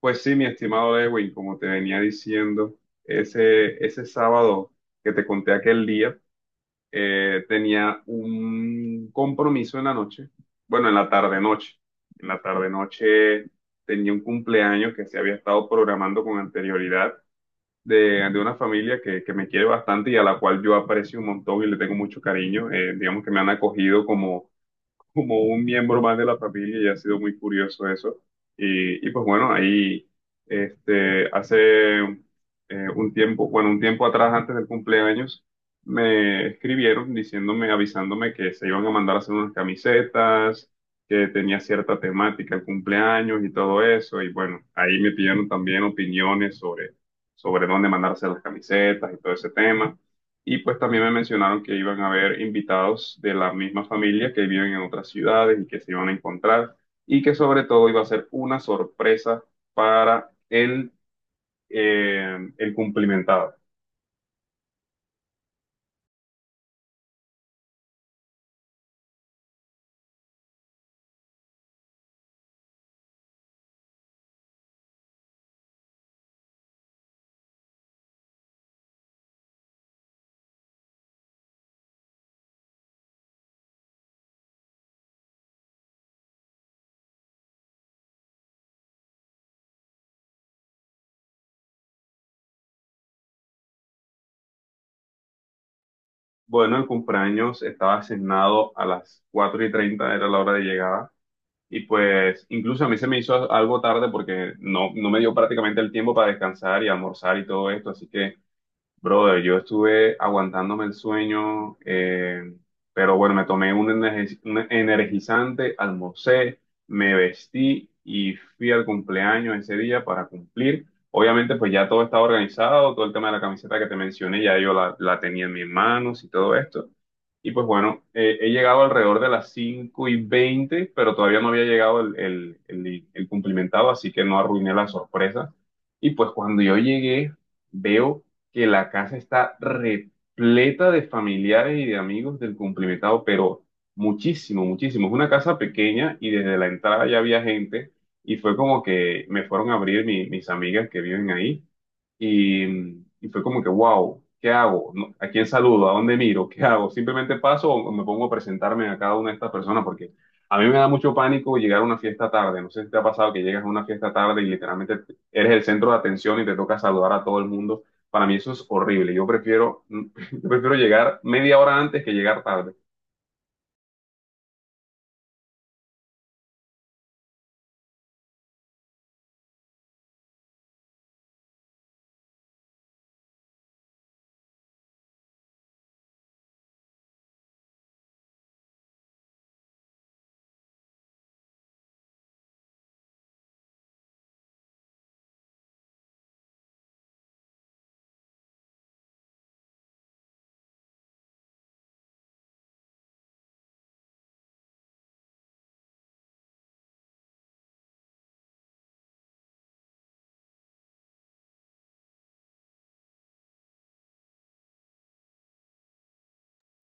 Pues sí, mi estimado Lewin, como te venía diciendo, ese sábado que te conté aquel día, tenía un compromiso en la noche, bueno, en la tarde-noche. En la tarde-noche tenía un cumpleaños que se había estado programando con anterioridad de una familia que me quiere bastante y a la cual yo aprecio un montón y le tengo mucho cariño. Digamos que me han acogido como un miembro más de la familia y ha sido muy curioso eso. Y pues bueno, ahí hace un tiempo, bueno, un tiempo atrás, antes del cumpleaños, me escribieron diciéndome, avisándome que se iban a mandar a hacer unas camisetas, que tenía cierta temática el cumpleaños y todo eso. Y bueno, ahí me pidieron también opiniones sobre dónde mandarse las camisetas y todo ese tema. Y pues también me mencionaron que iban a haber invitados de la misma familia que viven en otras ciudades y que se iban a encontrar y que sobre todo iba a ser una sorpresa para el cumplimentado. Bueno, el cumpleaños estaba asignado a las 4:30 era la hora de llegada. Y pues incluso a mí se me hizo algo tarde porque no me dio prácticamente el tiempo para descansar y almorzar y todo esto. Así que, brother, yo estuve aguantándome el sueño, pero bueno, me tomé un, un energizante, almorcé, me vestí y fui al cumpleaños ese día para cumplir. Obviamente, pues ya todo estaba organizado, todo el tema de la camiseta que te mencioné, ya yo la tenía en mis manos y todo esto. Y pues bueno, he llegado alrededor de las 5:20, pero todavía no había llegado el cumplimentado, así que no arruiné la sorpresa. Y pues cuando yo llegué, veo que la casa está repleta de familiares y de amigos del cumplimentado, pero muchísimo, muchísimo. Es una casa pequeña y desde la entrada ya había gente y fue como que me fueron a abrir mis amigas que viven ahí y, y fue como que, wow, ¿qué hago? No, ¿a quién saludo? ¿A dónde miro? ¿Qué hago? ¿Simplemente paso o me pongo a presentarme a cada una de estas personas? Porque a mí me da mucho pánico llegar a una fiesta tarde. No sé si te ha pasado que llegas a una fiesta tarde y literalmente eres el centro de atención y te toca saludar a todo el mundo. Para mí eso es horrible. Yo prefiero, yo prefiero llegar media hora antes que llegar tarde.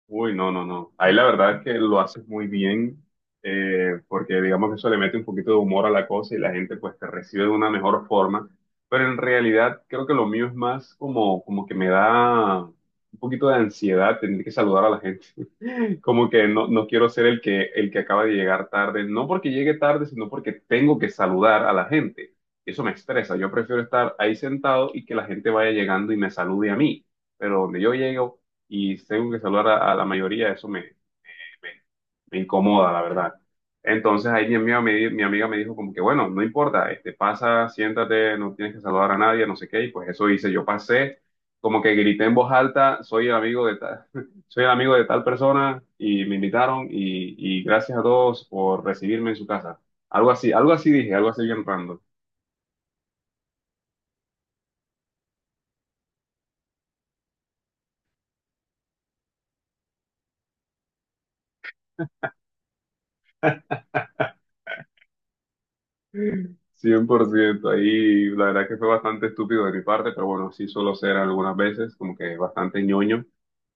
Uy, no, no, no. Ahí la verdad es que lo haces muy bien, porque digamos que eso le mete un poquito de humor a la cosa y la gente pues te recibe de una mejor forma. Pero en realidad creo que lo mío es más como, como que me da un poquito de ansiedad tener que saludar a la gente. Como que no, no quiero ser el que acaba de llegar tarde, no porque llegue tarde, sino porque tengo que saludar a la gente. Eso me estresa. Yo prefiero estar ahí sentado y que la gente vaya llegando y me salude a mí. Pero donde yo llego y tengo que saludar a la mayoría, eso me, me incomoda, la verdad. Entonces ahí mi amiga me dijo como que, bueno, no importa, este, pasa, siéntate, no tienes que saludar a nadie, no sé qué, y pues eso hice, yo pasé, como que grité en voz alta, soy el amigo de tal, soy el amigo de tal persona, y me invitaron, y gracias a todos por recibirme en su casa. Algo así dije, algo así bien random. 100%, ahí la verdad que fue bastante estúpido de mi parte, pero bueno, sí suelo ser algunas veces como que bastante ñoño.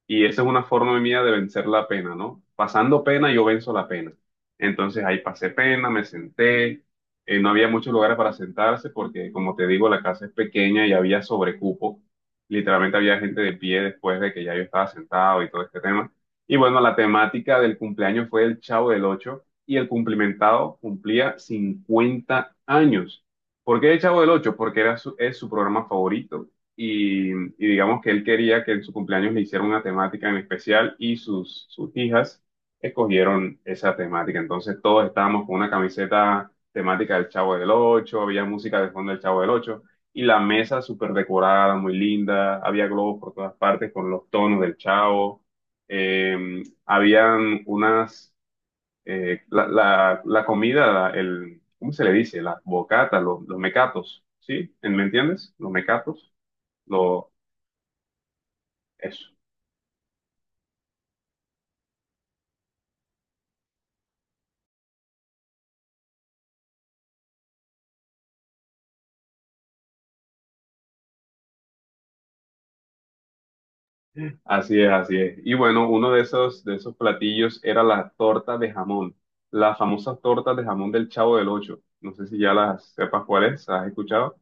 Y esa es una forma mía de vencer la pena, ¿no? Pasando pena, yo venzo la pena. Entonces ahí pasé pena, me senté, no había muchos lugares para sentarse porque, como te digo, la casa es pequeña y había sobrecupo. Literalmente había gente de pie después de que ya yo estaba sentado y todo este tema. Y bueno, la temática del cumpleaños fue el Chavo del Ocho y el cumplimentado cumplía 50 años. ¿Por qué el Chavo del Ocho? Porque es su programa favorito y digamos que él quería que en su cumpleaños le hiciera una temática en especial y sus hijas escogieron esa temática. Entonces todos estábamos con una camiseta temática del Chavo del Ocho, había música de fondo del Chavo del Ocho y la mesa súper decorada, muy linda, había globos por todas partes con los tonos del Chavo, eh, habían unas, la comida, ¿cómo se le dice? Las bocatas, los mecatos, ¿sí? Me entiendes? Los mecatos. Los, eso. Así es, así es. Y bueno, uno de esos platillos era la torta de jamón, las famosas tortas de jamón del Chavo del Ocho. No sé si ya las sepas cuáles, ¿has escuchado?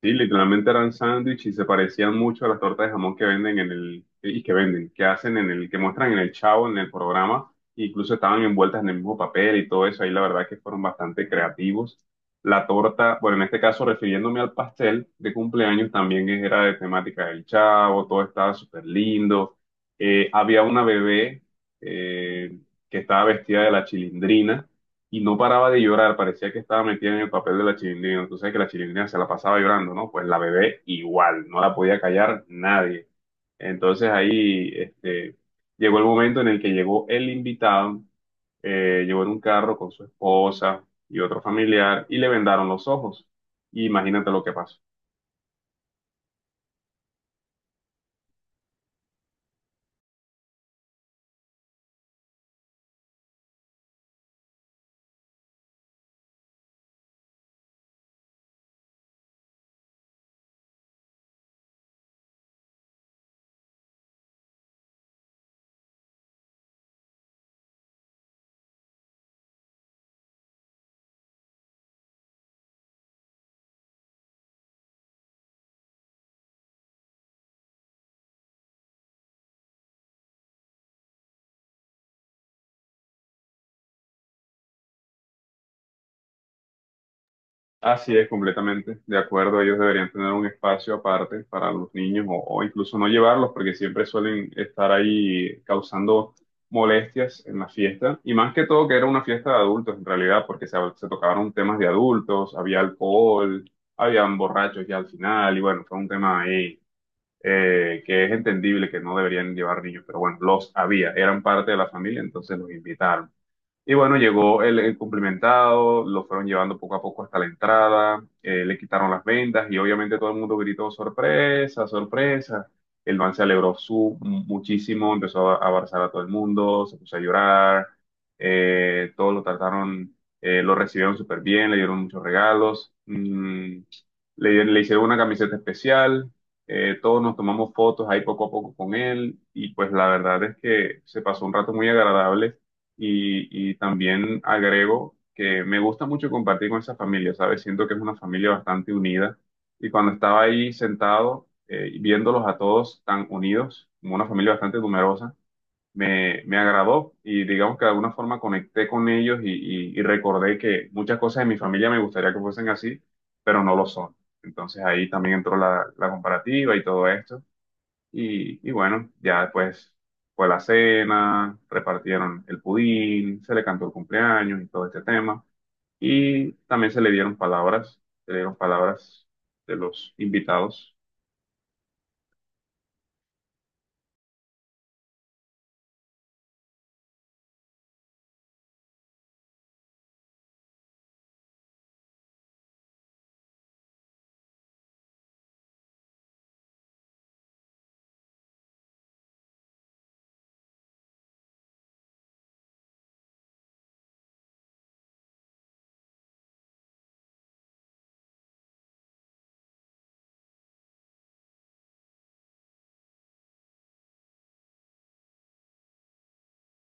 Sí, literalmente eran sándwich y se parecían mucho a las tortas de jamón que venden en el, que hacen en el, que muestran en el Chavo, en el programa, e incluso estaban envueltas en el mismo papel y todo eso, ahí la verdad que fueron bastante creativos. La torta, bueno, en este caso refiriéndome al pastel de cumpleaños, también era de temática del Chavo, todo estaba súper lindo. Había una bebé eh, que estaba vestida de la Chilindrina y no paraba de llorar, parecía que estaba metida en el papel de la Chilindrina. Tú sabes que la Chilindrina se la pasaba llorando, ¿no? Pues la bebé igual, no la podía callar nadie. Entonces ahí llegó el momento en el que llegó el invitado, llegó en un carro con su esposa y otro familiar y le vendaron los ojos. Imagínate lo que pasó. Así es, completamente de acuerdo. Ellos deberían tener un espacio aparte para los niños o incluso no llevarlos porque siempre suelen estar ahí causando molestias en la fiesta. Y más que todo que era una fiesta de adultos en realidad porque se tocaron temas de adultos, había alcohol, habían borrachos ya al final y bueno, fue un tema ahí que es entendible que no deberían llevar niños, pero bueno, los había, eran parte de la familia, entonces los invitaron. Y bueno, llegó el cumplimentado, lo fueron llevando poco a poco hasta la entrada, le quitaron las vendas y obviamente todo el mundo gritó sorpresa, sorpresa. El man se alegró su, muchísimo, empezó a abrazar a todo el mundo, se puso a llorar, todos lo trataron, lo recibieron súper bien, le dieron muchos regalos, mm, le hicieron una camiseta especial, todos nos tomamos fotos ahí poco a poco con él y pues la verdad es que se pasó un rato muy agradable y también agrego que me gusta mucho compartir con esa familia, ¿sabes? Siento que es una familia bastante unida. Y cuando estaba ahí sentado, y viéndolos a todos tan unidos, como una familia bastante numerosa, me agradó y digamos que de alguna forma conecté con ellos y recordé que muchas cosas de mi familia me gustaría que fuesen así, pero no lo son. Entonces ahí también entró la comparativa y todo esto. Y bueno, ya después fue la cena, repartieron el pudín, se le cantó el cumpleaños y todo este tema. Y también se le dieron palabras, se le dieron palabras de los invitados.